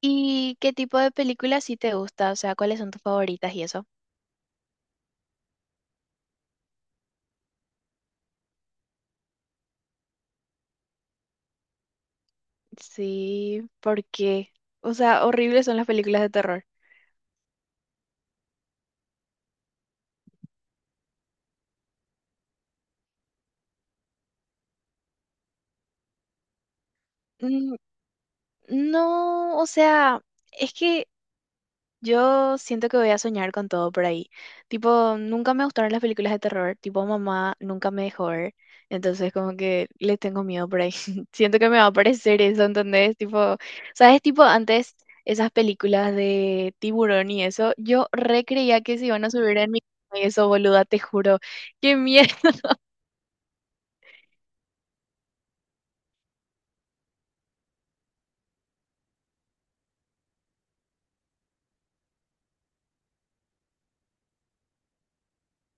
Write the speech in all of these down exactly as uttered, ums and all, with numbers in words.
¿Y qué tipo de películas sí te gusta? O sea, ¿cuáles son tus favoritas y eso? Sí, ¿por qué? O sea, horribles son las películas de terror. Mm, no, o sea, es que yo siento que voy a soñar con todo por ahí. Tipo, nunca me gustaron las películas de terror. Tipo, mamá nunca me dejó ver. Entonces, como que le tengo miedo por ahí. Siento que me va a aparecer eso, ¿entendés? Tipo, ¿sabes? Tipo, antes esas películas de tiburón y eso, yo re creía que se iban a subir en mi... Y eso, boluda, te juro. ¡Qué miedo!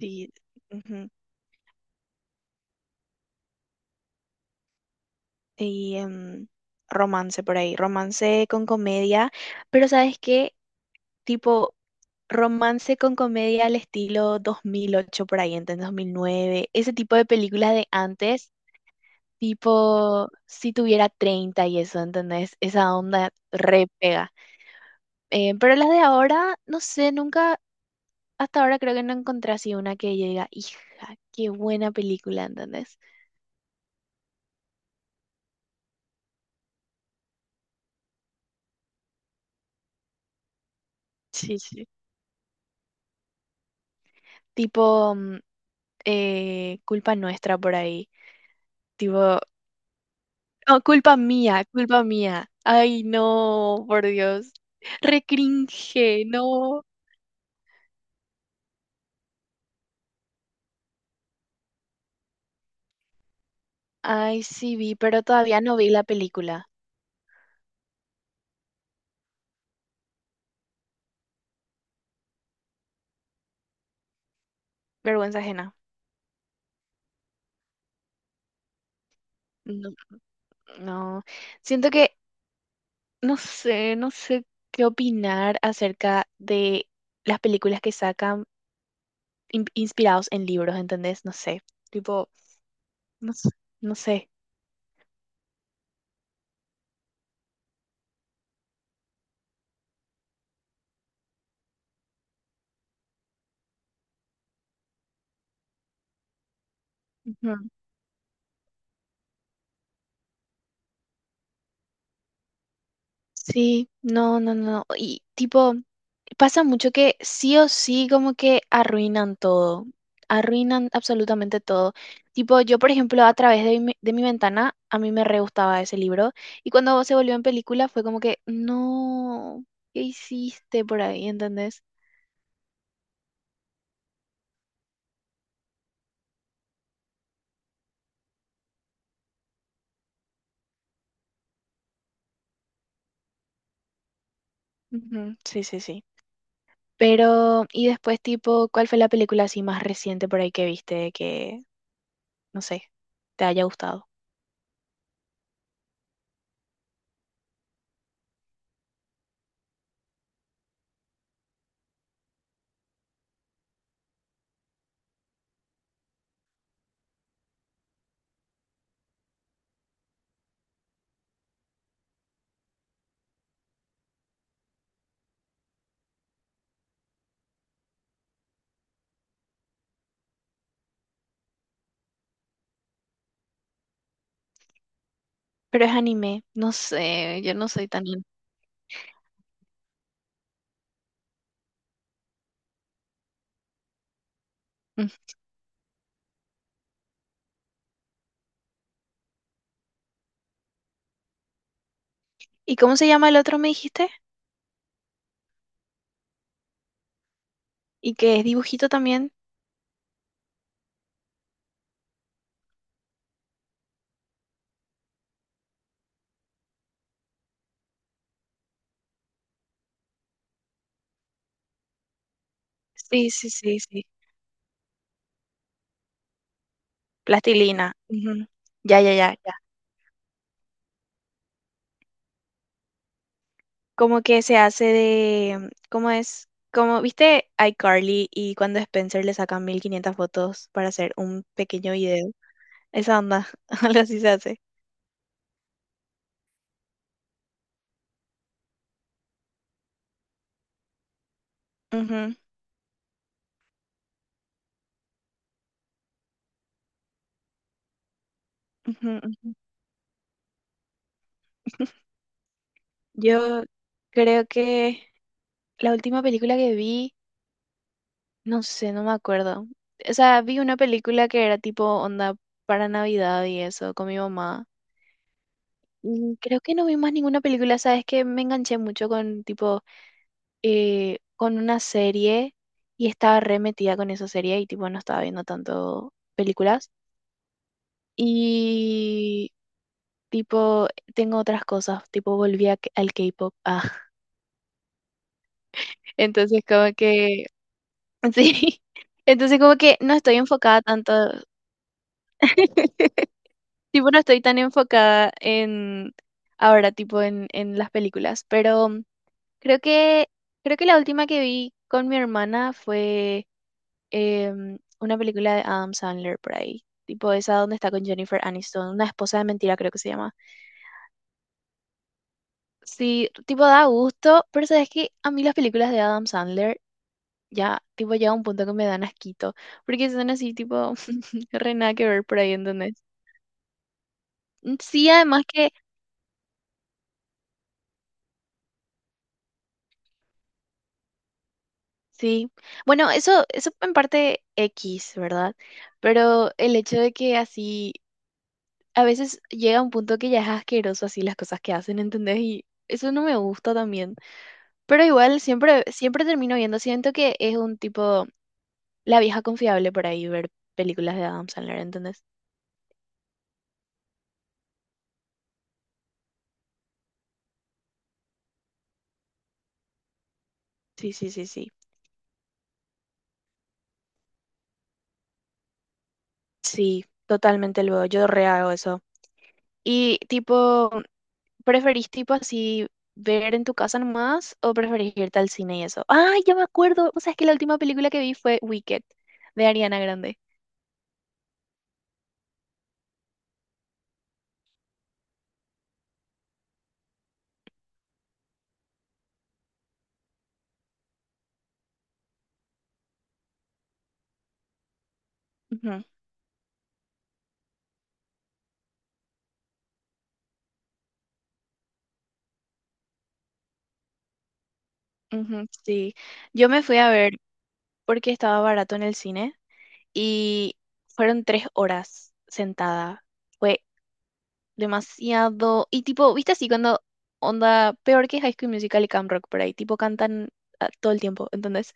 Sí, ujú. Y em, romance por ahí. Romance con comedia. Pero, ¿sabes qué? Tipo romance con comedia al estilo dos mil ocho por ahí, entonces dos mil nueve, ese tipo de películas de antes, tipo si tuviera treinta y eso, ¿entendés? Esa onda re pega. Eh, pero las de ahora, no sé, nunca, hasta ahora creo que no encontré así una que yo diga, hija, qué buena película, ¿entendés? Sí, sí. Tipo mm, eh, Culpa Nuestra por ahí. Tipo, oh, culpa mía, culpa mía. Ay, no, por Dios. Recringe, no. Ay, sí vi, pero todavía no vi la película. Vergüenza ajena. No, no. Siento que no sé, no sé qué opinar acerca de las películas que sacan in- inspirados en libros, ¿entendés? No sé. Tipo, no, s- no sé. Ujú. Sí, no, no, no. Y tipo. Pasa mucho que sí o sí como que arruinan todo, arruinan absolutamente todo. Tipo, yo por ejemplo a través de mi, de mi ventana, a mí me re gustaba ese libro y cuando se volvió en película fue como que, no, ¿qué hiciste por ahí? ¿Entendés? Ujú, sí, sí, sí. Pero, y después tipo, ¿cuál fue la película así más reciente por ahí que viste que, no sé, te haya gustado? Pero es anime, no sé, yo no soy tan... in- Ujú. ¿Y cómo se llama el otro, me dijiste? Y que es dibujito también. Sí, sí, sí, sí. Plastilina. Ujú. Ya, ya, ya, ya. Como que se hace de, ¿cómo es? Como, ¿viste iCarly y cuando Spencer le sacan mil quinientas fotos para hacer un pequeño video? Esa onda, algo así se hace. Ujú, ujú, ujú. Yo creo que la última película que vi, no sé, no me acuerdo. O sea, vi una película que era tipo onda para Navidad y eso, con mi mamá. Mm, creo que no vi más ninguna película, sabes que me enganché mucho con tipo eh, con una serie y estaba re metida con esa serie y tipo no estaba viendo tanto películas y tipo tengo otras cosas, tipo volví a k- al K-pop. Ah, entonces como que sí. Entonces como que no estoy enfocada tanto. Tipo, no estoy tan enfocada en ahora, tipo, en, en las películas, pero Creo que, creo que la última que vi con mi hermana fue em, una película de Adam Sandler por ahí. Tipo esa donde está con Jennifer Aniston, una esposa de mentira creo que se llama. Sí, tipo da gusto, pero sabes que a mí las películas de Adam Sandler ya, tipo llega un punto que me dan asquito, porque son así tipo re nada que ver por ahí, ¿entendés? Mm, sí, además que, sí. Bueno, eso, eso en parte X, ¿verdad? Pero el hecho de que así a veces llega un punto que ya es asqueroso así las cosas que hacen, ¿entendés? Y eso no me gusta también. Pero igual siempre, siempre termino viendo, siento que es un tipo, la vieja confiable por ahí ver películas de Adam Sandler, ¿entendés? Sí, sí, sí, sí. Sí, totalmente luego, yo re hago eso. Y tipo, ¿preferís tipo así ver en tu casa nomás o preferís irte al cine y eso? Ay, ya me acuerdo, o sea, es que la última película que vi fue Wicked, de Ariana Grande. Ujú, ujú, sí. Yo me fui a ver porque estaba barato en el cine y fueron tres horas sentada. Fue demasiado. Y tipo, viste así cuando onda peor que High School Musical y Camp Rock por ahí, tipo cantan ah, todo el tiempo. Entonces,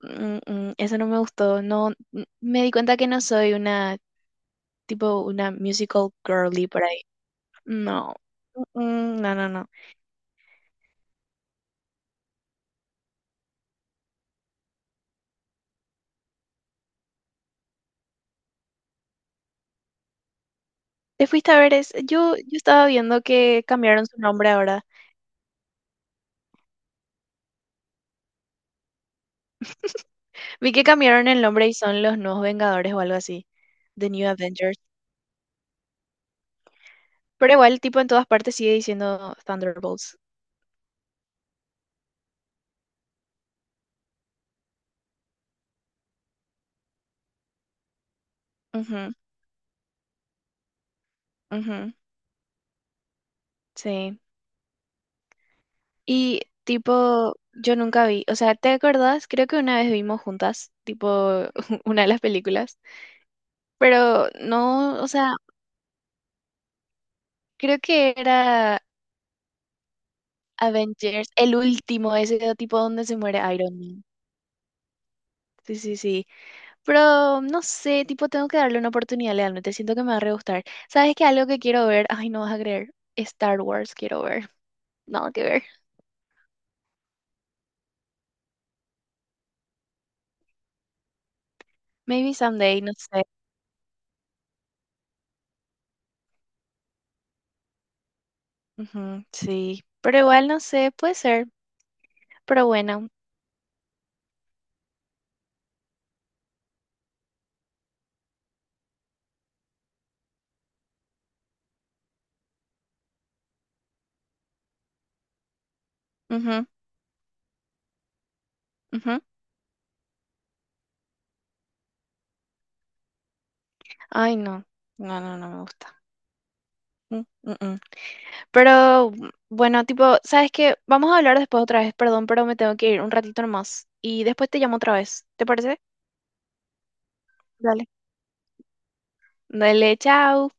mm, mm, eso no me gustó. No, mm, me di cuenta que no soy una tipo una musical girly por ahí. No. Mm, mm, no, no, no. Te fuiste a ver, es, yo, yo estaba viendo que cambiaron su nombre ahora. Vi que cambiaron el nombre y son los nuevos Vengadores o algo así. The New Avengers. Pero igual, tipo, en todas partes sigue diciendo Thunderbolts. Ujú, ujú, sí. Y, tipo, yo nunca vi. O sea, ¿te acordás? Creo que una vez vimos juntas, tipo, una de las películas. Pero no, o sea, creo que era Avengers, el último, ese tipo donde se muere Iron Man. Sí, sí, sí. Pero no sé, tipo, tengo que darle una oportunidad legalmente. Siento que me va a re gustar. ¿Sabes qué? Algo que quiero ver. Ay, no vas a creer. Star Wars quiero ver. Nada que ver. Maybe someday, no sé. Ujú, sí. Pero igual no sé, puede ser. Pero bueno. Ujú, ujú. Ay, no. No, no, no me gusta. Mm, mm, mm. Pero mm, bueno, tipo, ¿sabes qué? Vamos a hablar después otra vez. Perdón, pero me tengo que ir un ratito nomás. Y después te llamo otra vez. ¿Te parece? Dale. Dale, chao.